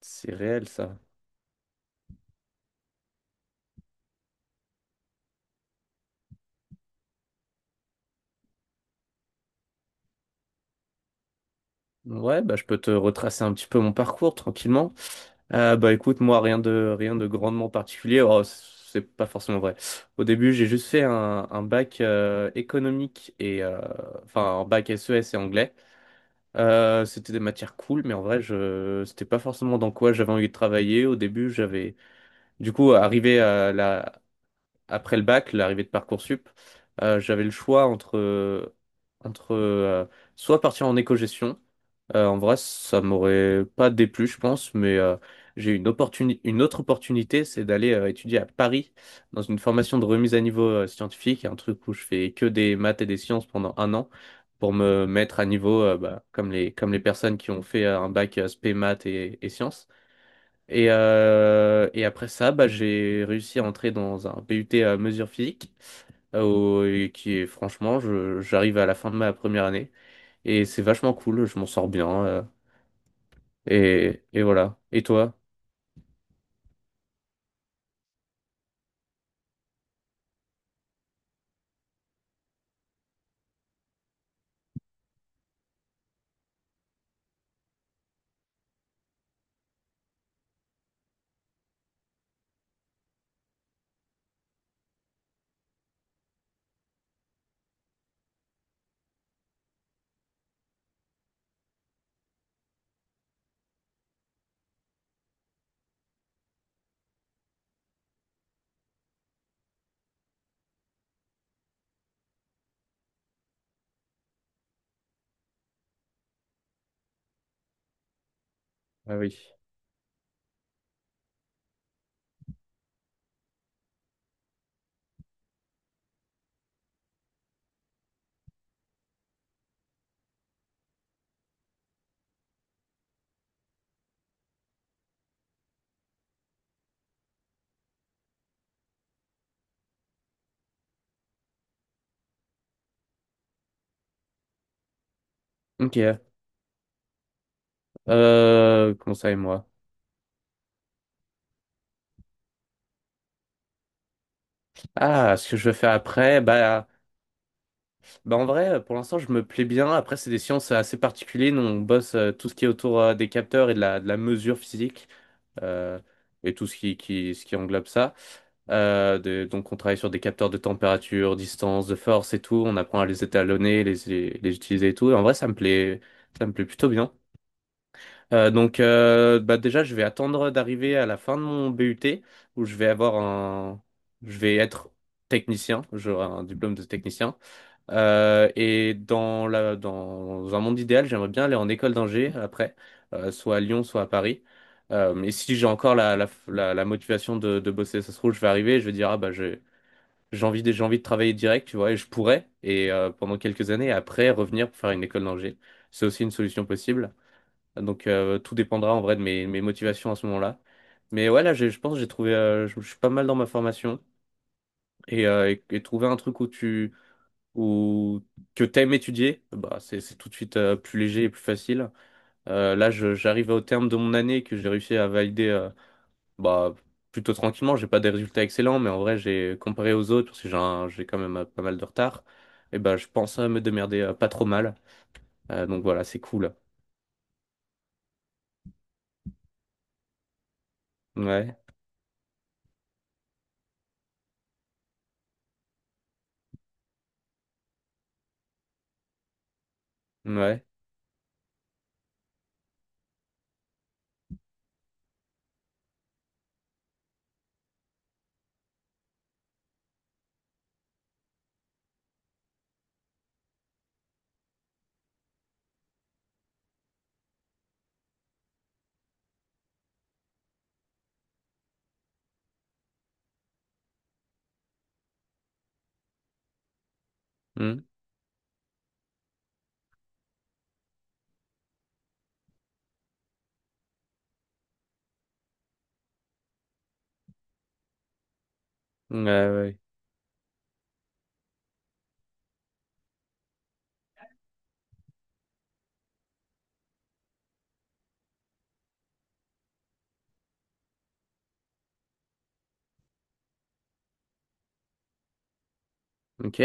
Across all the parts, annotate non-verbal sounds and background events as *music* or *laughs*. C'est réel ça. Ouais, bah, je peux te retracer un petit peu mon parcours tranquillement. Bah écoute, moi rien de grandement particulier. Oh, c'est pas forcément vrai. Au début, j'ai juste fait un bac économique enfin un bac SES et anglais. C'était des matières cool, mais en vrai, je c'était pas forcément dans quoi j'avais envie de travailler. Au début, j'avais du coup arrivé à la après le bac, l'arrivée de Parcoursup, j'avais le choix entre soit partir en éco-gestion. En vrai, ça m'aurait pas déplu, je pense, mais j'ai eu une autre opportunité, c'est d'aller étudier à Paris dans une formation de remise à niveau scientifique, un truc où je fais que des maths et des sciences pendant un an pour me mettre à niveau, comme les personnes qui ont fait un bac spé maths et sciences. Et après ça, bah, j'ai réussi à entrer dans un BUT à mesure physique, et qui est franchement, j'arrive à la fin de ma première année. Et c'est vachement cool, je m'en sors bien. Et voilà. Et toi? Ah oui. Ok. Comment ça et moi? Ah, ce que je veux faire après, bah en vrai, pour l'instant, je me plais bien. Après, c'est des sciences assez particulières. Nous, on bosse tout ce qui est autour des capteurs et de la mesure physique euh, et tout ce qui englobe ça. Donc, on travaille sur des capteurs de température, distance, de force et tout. On apprend à les étalonner, les utiliser et tout. Et en vrai, ça me plaît plutôt bien. Donc bah déjà je vais attendre d'arriver à la fin de mon BUT où je vais avoir un je vais être technicien, j'aurai un diplôme de technicien. Et dans un monde idéal, j'aimerais bien aller en école d'ingé après, soit à Lyon, soit à Paris. Et si j'ai encore la motivation de bosser, ça se trouve, je vais arriver et je vais dire ah bah j'ai envie de travailler direct, tu vois, et je pourrais, et pendant quelques années, après revenir pour faire une école d'ingé. C'est aussi une solution possible. Donc tout dépendra en vrai de mes motivations à ce moment-là. Mais ouais, là, je pense que j'ai trouvé, je suis pas mal dans ma formation et trouver un truc où que t'aimes étudier, bah c'est tout de suite plus léger et plus facile. Là, j'arrive au terme de mon année que j'ai réussi à valider, bah plutôt tranquillement. J'ai pas des résultats excellents, mais en vrai, j'ai comparé aux autres parce que j'ai quand même pas mal de retard. Et bah, je pense me démerder pas trop mal. Donc voilà, c'est cool. Ouais, ouais. Hmm, ouais. Ok,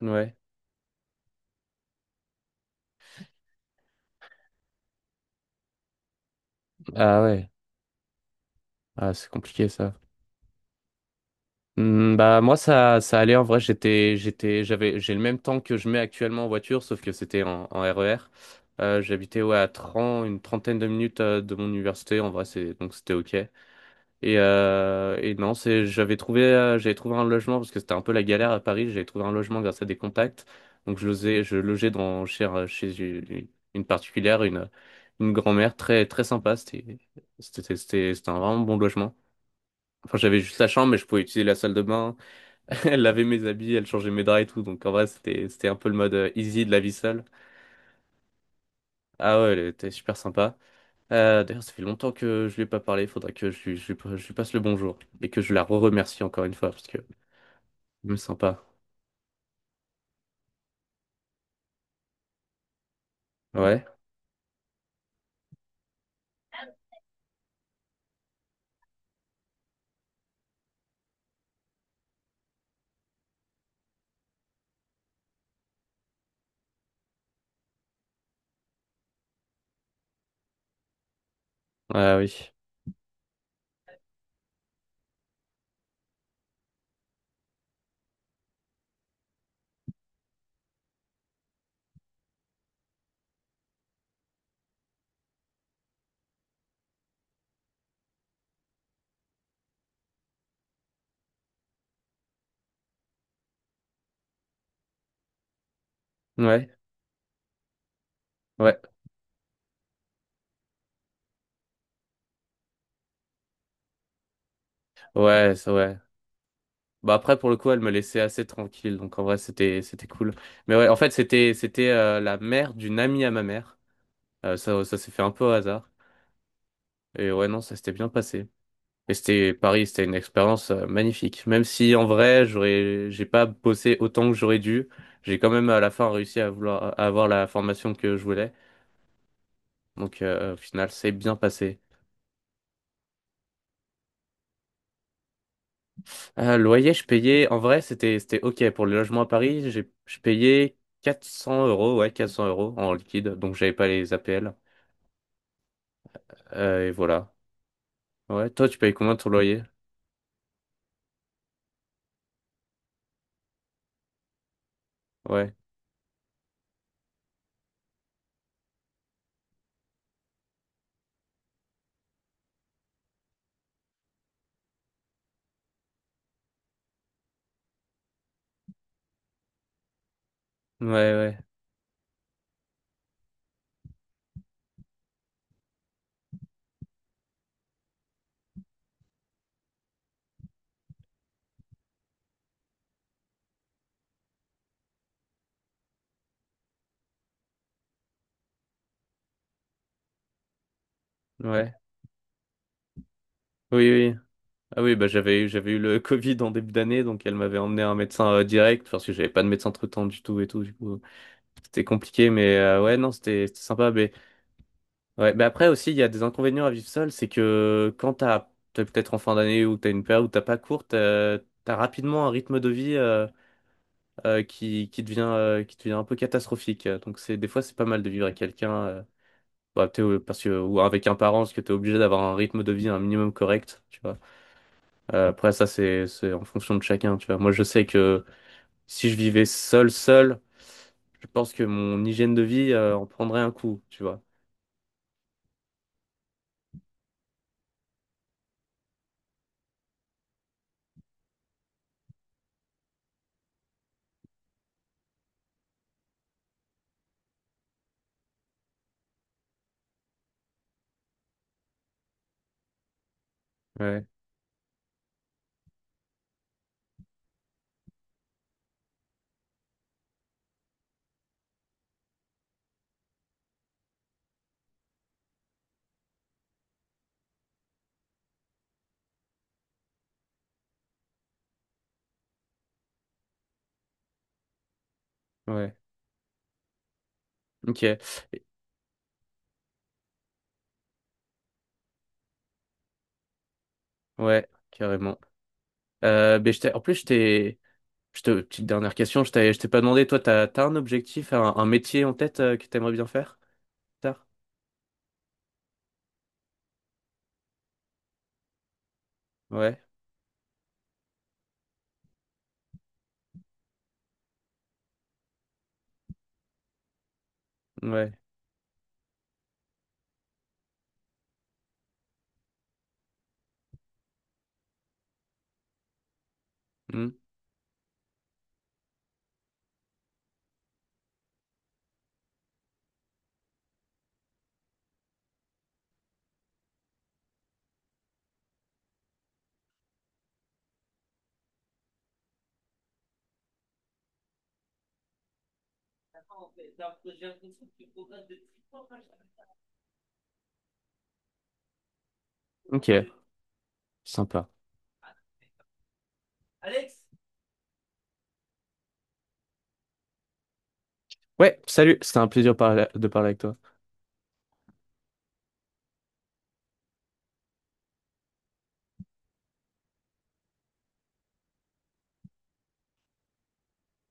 ouais. Ah ouais, ah, c'est compliqué ça. Hmm, bah moi ça allait en vrai j'ai le même temps que je mets actuellement en voiture sauf que c'était en RER. J'habitais ouais à 30, une trentaine de minutes de mon université en vrai c'est donc c'était ok. Et non, c'est, j'avais trouvé un logement parce que c'était un peu la galère à Paris. J'avais trouvé un logement grâce à des contacts. Donc je logeais chez une particulière, une grand-mère très sympa. C'était un vraiment bon logement. Enfin, j'avais juste la chambre, mais je pouvais utiliser la salle de bain. *laughs* Elle lavait mes habits, elle changeait mes draps et tout. Donc en vrai, c'était un peu le mode easy de la vie seule. Ah ouais, elle était super sympa. D'ailleurs, ça fait longtemps que je lui ai pas parlé. Il faudra que je lui passe le bonjour et que je la re-remercie encore une fois parce que... Hmm, sympa. Ouais. Ah oui. Ouais. Ouais. Ouais, ça, ouais. Bah après, pour le coup, elle me laissait assez tranquille. Donc en vrai, c'était cool. Mais ouais, en fait, c'était la mère d'une amie à ma mère. Ça s'est fait un peu au hasard. Et ouais, non, ça s'était bien passé. Et c'était Paris, c'était une expérience magnifique. Même si en vrai, j'ai pas bossé autant que j'aurais dû, j'ai quand même à la fin réussi à avoir la formation que je voulais. Donc au final, c'est bien passé. Loyer, je payais, en vrai, c'était OK. Pour le logement à Paris, je payais 400 euros, ouais, 400 € en liquide, donc j'avais pas les APL. Et voilà. Ouais, toi, tu payes combien ton loyer? Ouais, ouais, ouais, ouais. Oui, oui. Ah oui, bah j'avais eu le *laughs* Covid en début d'année, donc elle m'avait emmené un médecin direct. Enfin, parce que j'avais pas de médecin traitant du tout et tout, du coup, c'était compliqué, mais ouais, non, c'était sympa. Mais ouais, mais après aussi, il y a des inconvénients à vivre seul, c'est que quand t'es peut-être en fin d'année ou t'as une période où t'as pas cours, t'as rapidement un rythme de vie qui qui devient un peu catastrophique. Donc c'est, des fois, c'est pas mal de vivre avec quelqu'un, ou avec un parent, parce que t'es obligé d'avoir un rythme de vie un minimum correct, tu vois. Après, ça, c'est en fonction de chacun, tu vois. Moi, je sais que si je vivais seul, je pense que mon hygiène de vie en prendrait un coup, tu vois. Ouais, ouais. Ok. Ouais, carrément. Ben, je t'ai- en plus, je t'ai, je te, petite dernière question, je t'ai pas demandé, toi, t'as un objectif, un métier en tête que t'aimerais bien faire? Plus tard? Ouais, ouais. Hmm. Ok, sympa. Ouais, salut, c'était un plaisir de parler avec toi.